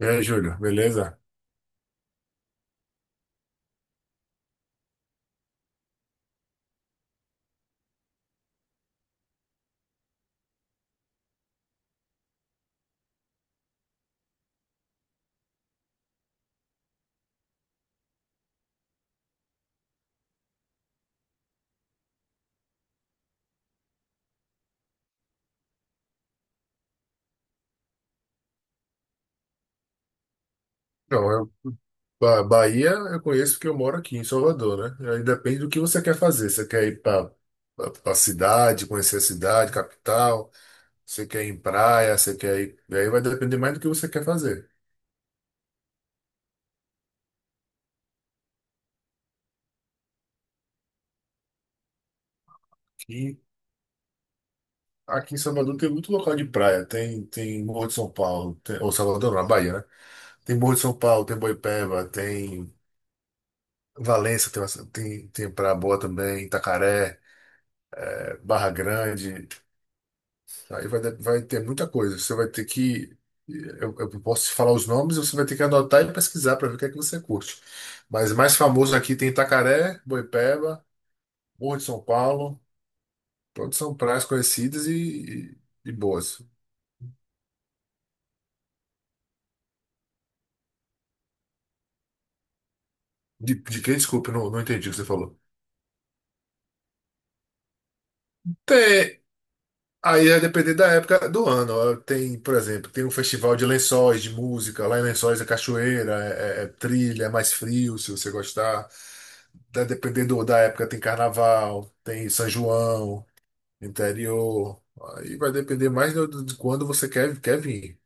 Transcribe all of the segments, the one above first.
E aí, Júlio, beleza? Então, eu, Bahia eu conheço porque eu moro aqui em Salvador, né? Aí depende do que você quer fazer. Você quer ir para a cidade, conhecer a cidade, capital, você quer ir em praia, você quer ir. Aí vai depender mais do que você quer fazer. E aqui em Salvador tem muito local de praia. Tem Morro de São Paulo, ou Salvador, não, na Bahia, né? Tem Morro de São Paulo, tem Boipeba, tem Valença, tem praia boa também, Itacaré, Barra Grande. Aí vai ter muita coisa. Você vai ter que. Eu posso te falar os nomes, você vai ter que anotar e pesquisar para ver o que é que você curte. Mas mais famoso aqui tem Itacaré, Boipeba, Morro de São Paulo. Todos são praias conhecidas e boas. De quem? Desculpa, eu não entendi o que você falou. Tem. Aí é depender da época do ano. Ó, tem, por exemplo, tem um festival de lençóis, de música. Lá em Lençóis é cachoeira, é trilha, é mais frio, se você gostar. Tá dependendo da época, tem carnaval, tem São João, interior. Aí vai depender mais de quando você quer, quer vir.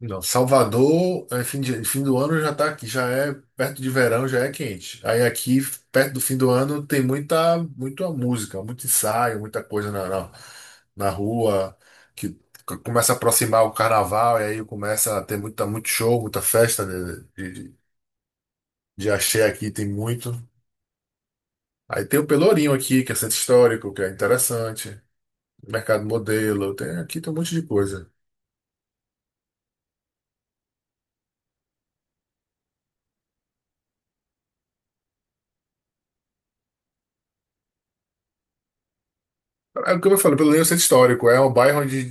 Não, Salvador, é, fim do ano já tá aqui, já é perto de verão, já é quente. Aí aqui, perto do fim do ano, tem muita, muita música, muito ensaio, muita coisa na rua, que começa a aproximar o carnaval, e aí começa a ter muita, muito show, muita festa de axé aqui, tem muito. Aí tem o Pelourinho aqui, que é centro histórico, que é interessante. Mercado Modelo, tem, aqui tem um monte de coisa. É o que eu falei, Pelourinho é um centro histórico, é um bairro onde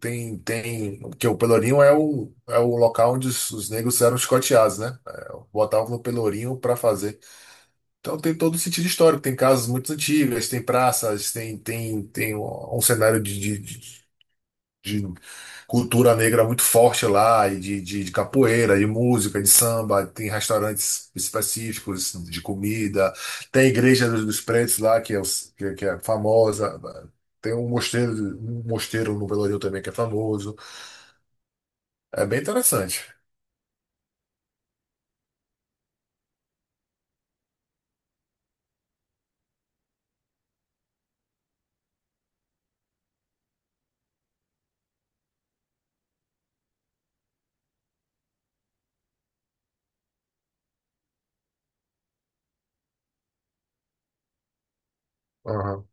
Porque o Pelourinho é o, é o local onde os negros eram escoteados, né? É, botavam no Pelourinho para fazer. Então tem todo o sentido histórico, tem casas muito antigas, tem praças, tem um um cenário de cultura negra muito forte lá, e de capoeira, de música, de samba, tem restaurantes específicos de comida, tem a igreja dos pretos lá, que é, que é famosa, tem um mosteiro no Pelourinho também que é famoso. É bem interessante. Aham.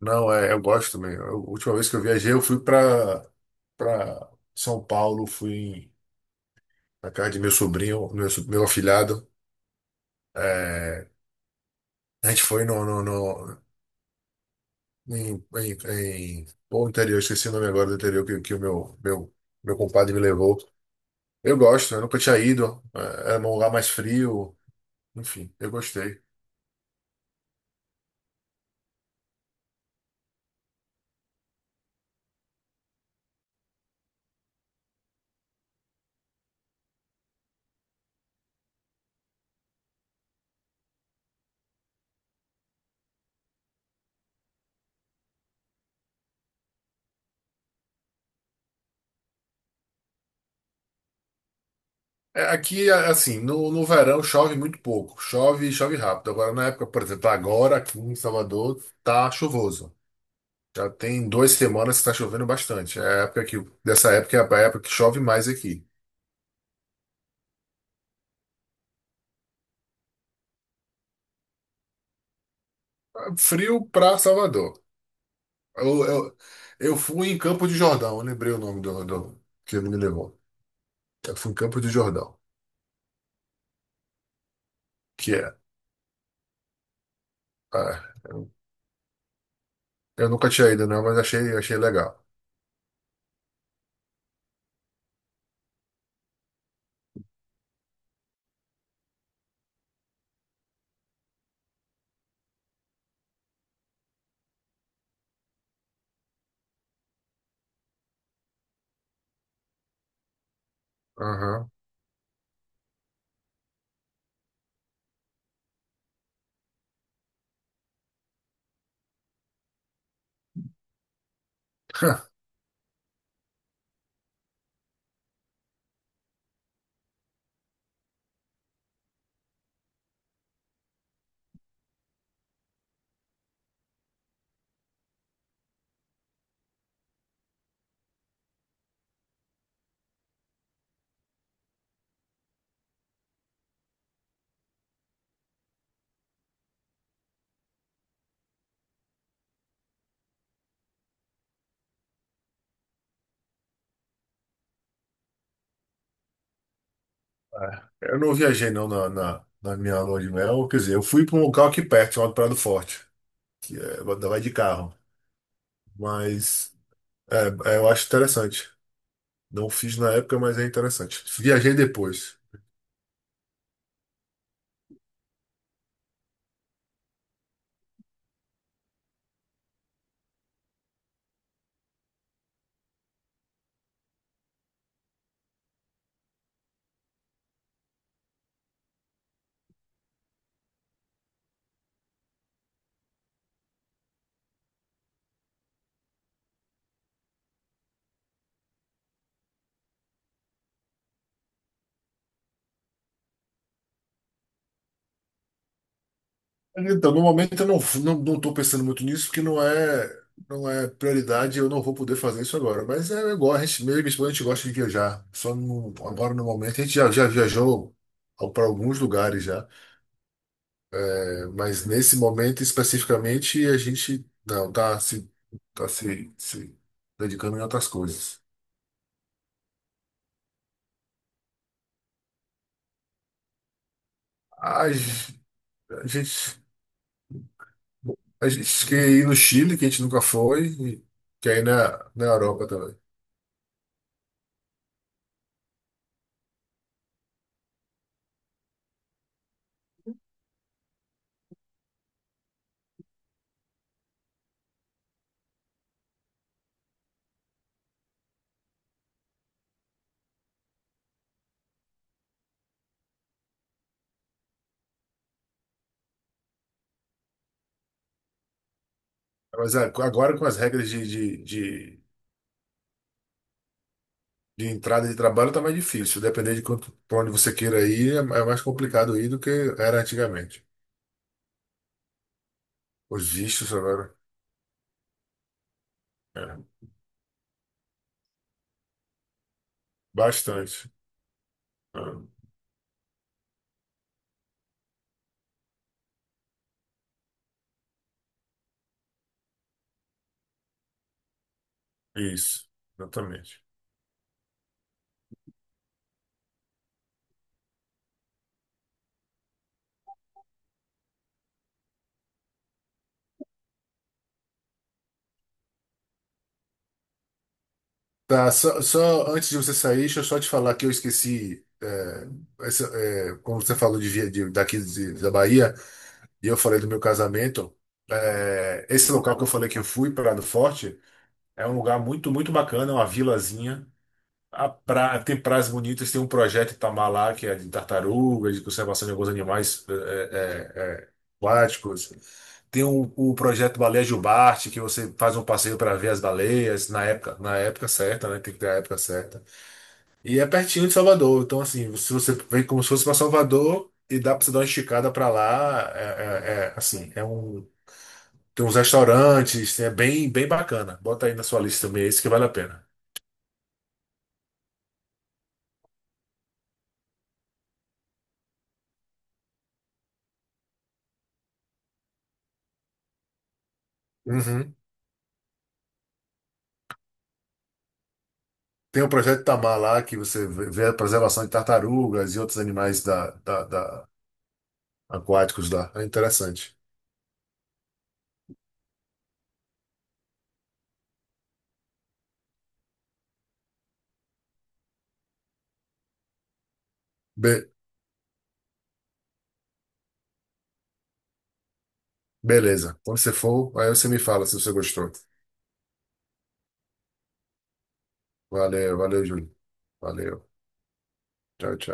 Não, é, eu gosto também. A última vez que eu viajei, eu fui para São Paulo, fui na casa de meu sobrinho, meu afilhado. É, a gente foi interior, esqueci o nome agora do interior que meu compadre me levou. Eu gosto, eu nunca tinha ido. É, era um lugar mais frio. Enfim, eu gostei. É, aqui, assim, no verão chove muito pouco, chove e chove rápido. Agora, na época, por exemplo, agora aqui em Salvador tá chuvoso. Já tem duas semanas que tá chovendo bastante. Dessa época é a época que chove mais aqui. Ah, frio pra Salvador. Eu, eu, eu fui em Campo de Jordão, eu lembrei o nome do que ele me levou. Eu fui em Campo de Jordão, que é. ah, eu, eu nunca tinha ido, não, mas achei legal. Aham. É. Eu não viajei não na minha lua de mel, quer dizer, eu fui para um local aqui perto, chamado Prado Forte, que é, vai de carro, mas é, eu acho interessante. Não fiz na época, mas é interessante. Viajei depois. Então, no momento eu não estou pensando muito nisso, porque não é prioridade, eu não vou poder fazer isso agora. Mas é igual, a gente, mesmo minha esposa, a gente gosta de viajar. Só no- Agora no momento, a gente já viajou para alguns lugares já. É, mas nesse momento especificamente, a gente não está se, tá se, se dedicando em outras coisas. A, gen- a gente, a gente quer ir no Chile, que a gente nunca foi, e quer ir na Europa também. Mas é, agora com as regras de entrada de trabalho tá mais difícil. Depender de quanto, pra onde você queira ir, é é mais complicado ir do que era antigamente. Os vistos agora. É, bastante. É, isso, exatamente. Tá, só, só antes de você sair, deixa eu só te falar que eu esqueci. É, essa- é, como você falou de, via- de- daqui de- da Bahia, e eu falei do meu casamento, é, esse local que eu falei que eu fui, Prado Forte, é um lugar muito, muito bacana, é uma vilazinha. Tem praias bonitas, tem um projeto Itamar lá, que é de tartarugas, de conservação de alguns animais aquáticos. Tem o projeto Baleia Jubarte, que você faz um passeio para ver as baleias na época certa, né? Tem que ter a época certa. E é pertinho de Salvador, então assim, se você vem como se fosse para Salvador e dá para você dar uma esticada para lá, assim, tem uns restaurantes, é bem, bem bacana. Bota aí na sua lista também, esse que vale a pena. Uhum. Tem o projeto Itamar lá, que você vê a preservação de tartarugas e outros animais aquáticos lá. É interessante. Be- Beleza. Quando você for, aí você me fala se você gostou. Valeu, valeu, Júlio. Valeu. Tchau, tchau.